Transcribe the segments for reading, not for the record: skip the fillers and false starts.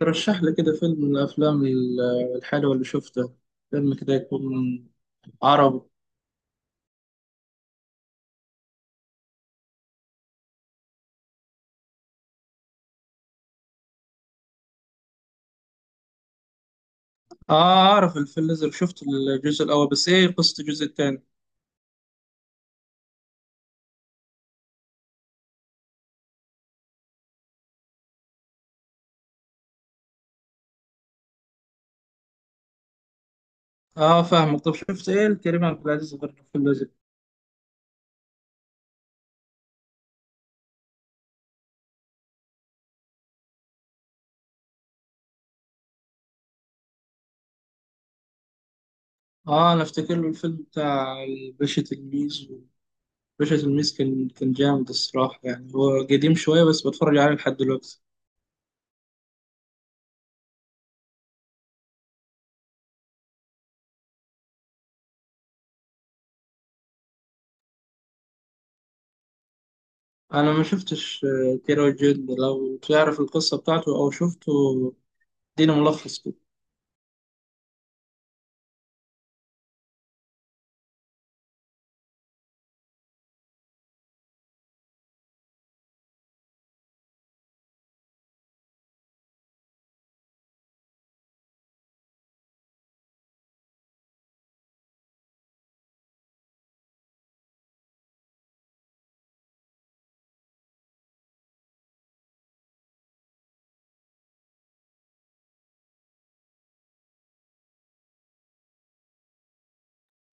ترشح لي كده فيلم من الأفلام الحلوة اللي شفته، فيلم كده يكون عربي. آه، أعرف الفيل الأزرق، شفت الجزء الأول، بس إيه قصة الجزء الثاني؟ آه فاهمك. طب شفت إيه الكريم عبد العزيز غير الفيل الأزرق؟ آه، أنا أفتكر له الفيلم بتاع الباشا تلميذ. الباشا تلميذ كان جامد الصراحة، يعني هو قديم شوية بس بتفرج عليه لحد دلوقتي. أنا ما شفتش كيرة والجن، لو تعرف القصة بتاعته أو شفته اديني ملخص كده.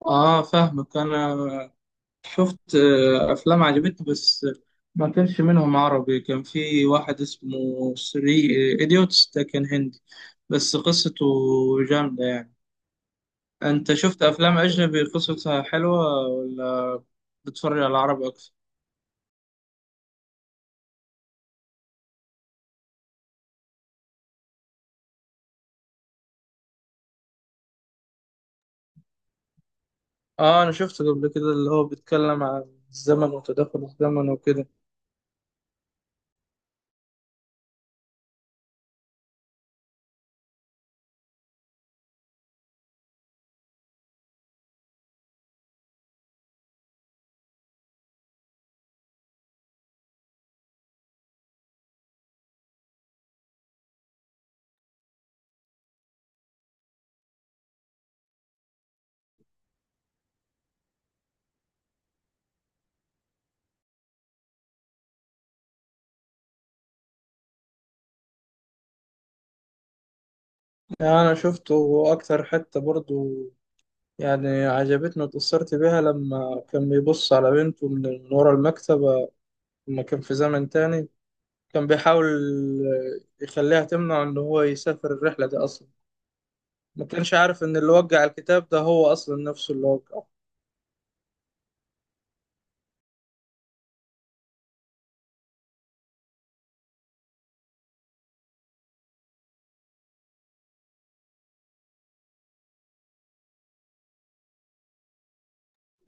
آه فاهمك. أنا شفت أفلام عجبتني، بس ما كانش منهم عربي. كان في واحد اسمه سري إيديوتس، ده كان هندي بس قصته جامدة يعني. أنت شفت أفلام أجنبي قصتها حلوة، ولا بتتفرج على العربي أكتر؟ آه، أنا شفته قبل كده، اللي هو بيتكلم عن الزمن وتداخل الزمن وكده. يعني أنا شفته أكتر حتة برضو، يعني عجبتني واتأثرت بيها لما كان بيبص على بنته من ورا المكتبة، لما كان في زمن تاني كان بيحاول يخليها تمنع ان هو يسافر الرحلة دي اصلا. ما كانش عارف ان اللي وقع الكتاب ده هو اصلا نفسه اللي وقعه.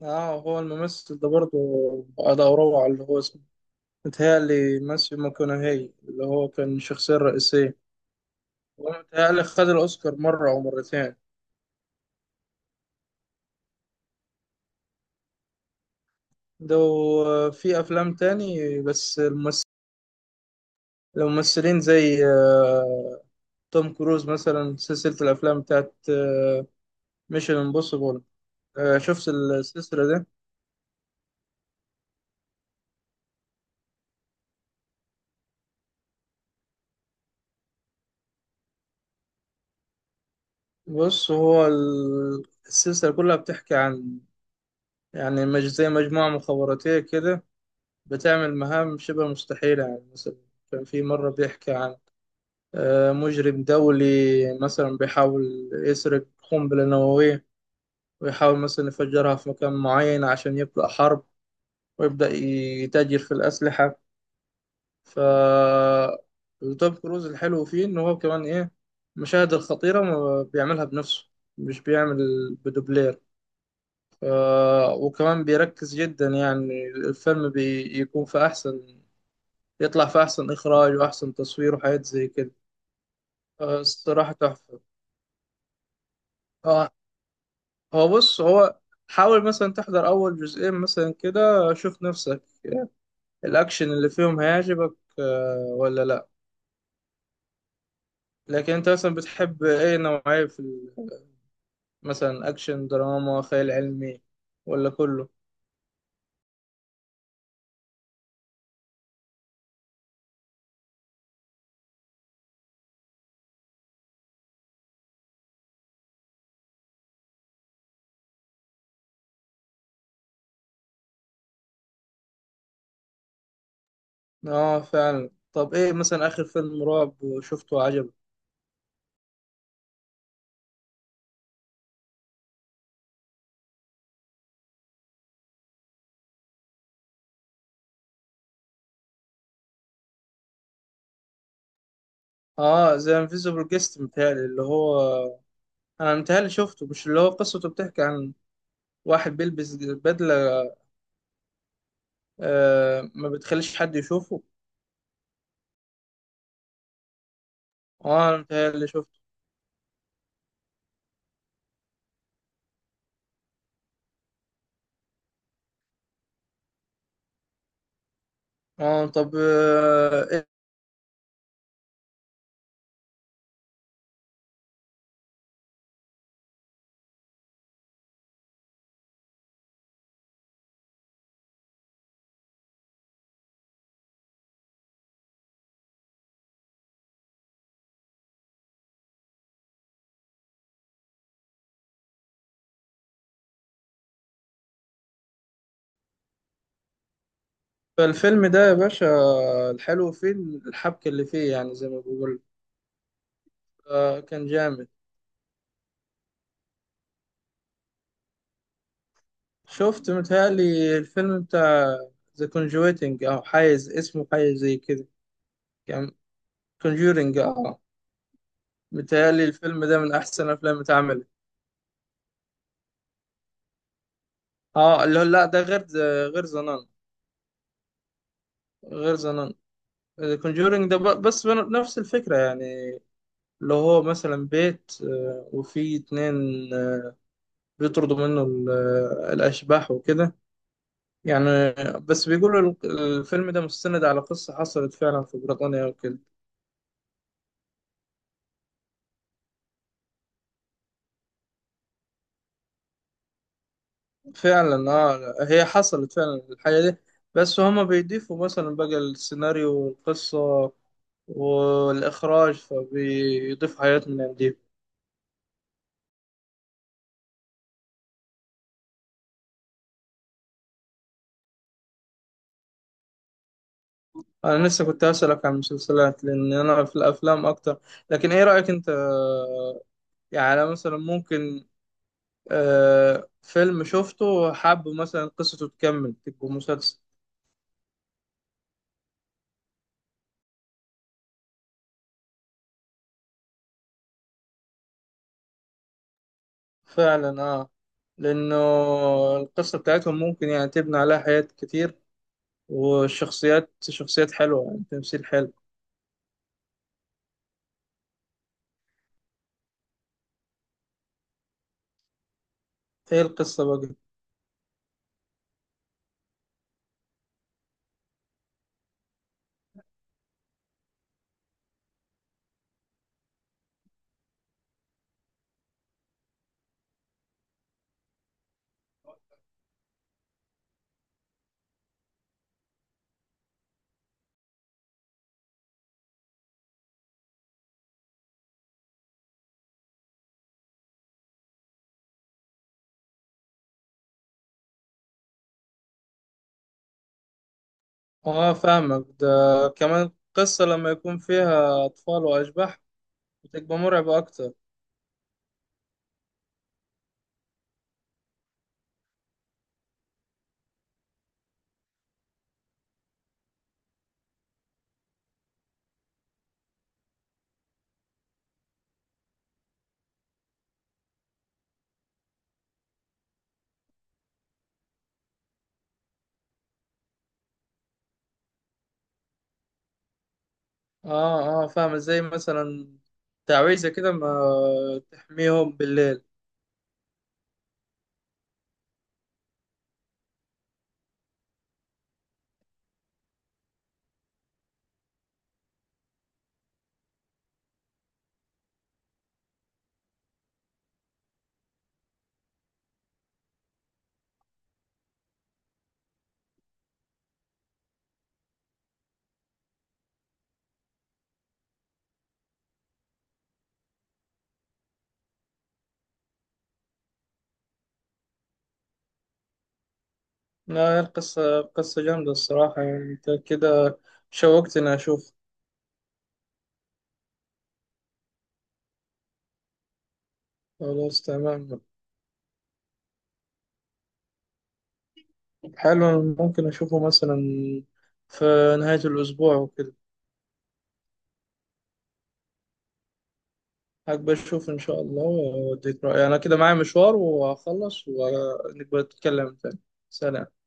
اه، هو الممثل ده برضه، ادوره على اللي هو اسمه، متهيألي ماسيو ماكونهي، اللي هو كان الشخصية الرئيسية. هو متهيألي خد الأوسكار مرة أو مرتين. ده في أفلام تاني، بس الممثلين زي توم كروز، مثلا سلسلة الأفلام بتاعت ميشن امبوسيبل، آه، شفت السلسلة دي؟ بص، هو السلسلة كلها بتحكي عن، يعني مج زي مجموعة مخابراتية كده، بتعمل مهام شبه مستحيلة. يعني مثلا كان في مرة بيحكي عن مجرم دولي مثلا بيحاول يسرق قنبلة نووية، ويحاول مثلا يفجرها في مكان معين عشان يبدأ حرب ويبدأ يتاجر في الأسلحة. ف توم كروز الحلو فيه إن هو كمان إيه، المشاهد الخطيرة ما بيعملها بنفسه، مش بيعمل بدوبلير. وكمان بيركز جدا، يعني الفيلم بيكون في أحسن، يطلع في أحسن إخراج وأحسن تصوير وحاجات زي كده. الصراحة تحفة. آه، هو بص هو، حاول مثلا تحضر أول جزئين مثلا كده، شوف نفسك الأكشن اللي فيهم هيعجبك ولا لأ. لكن أنت مثلا بتحب أي نوعية في مثلا أكشن، دراما، خيال علمي، ولا كله؟ آه فعلا. طب إيه مثلا آخر فيلم رعب شفته عجبك؟ اه، زي انفيزيبل جيست متهيألي، اللي هو انا متهيألي شفته، مش اللي هو قصته بتحكي عن واحد بيلبس بدلة آه ما بتخليش حد يشوفه؟ اه انا متهيألي شفته. اه، طب آه، الفيلم ده يا باشا، الحلو فيه الحبكة اللي فيه، يعني زي ما بقول، آه كان جامد. شفت متهيألي الفيلم بتاع ذا كونجويتنج او حايز اسمه حاجة زي كده، كان كونجورينج اه. متهيألي الفيلم ده من احسن افلام اتعمل. اه، اللي هو لا، ده غير غير زنان، غير زنان. كونجورينج ده بس نفس الفكرة يعني، اللي هو مثلا بيت وفي اتنين، آه، بيطردوا منه الأشباح وكده. يعني بس بيقولوا الفيلم ده مستند على قصة حصلت فعلا في بريطانيا وكده. فعلا اه، هي حصلت فعلا الحاجة دي، بس هما بيضيفوا مثلا بقى السيناريو والقصة والإخراج، فبيضيفوا حاجات من عندهم. انا لسه كنت اسالك عن المسلسلات، لان انا في الافلام اكتر. لكن ايه رايك انت؟ يعني أنا مثلا ممكن فيلم شفته وحابه مثلا قصته تكمل تبقى مسلسل. فعلا اه. لانه القصه بتاعتهم ممكن يعني تبني عليها حاجات كتير، والشخصيات شخصيات حلوه يعني تمثيل حلو. ايه القصه بقى؟ اه فاهمك. ده كمان القصه لما يكون فيها اطفال واشباح بتبقى مرعبه اكتر. اه اه فاهم، زي مثلا تعويذة كده ما تحميهم بالليل. لا، القصة قصة جامدة الصراحة، يعني انت كده شوقتني اشوف. خلاص تمام. حلو، ممكن اشوفه مثلا في نهاية الاسبوع وكده. هقبل اشوف ان شاء الله واديك رأيي، انا كده معايا مشوار وهخلص ونبقى نتكلم تاني. سلام.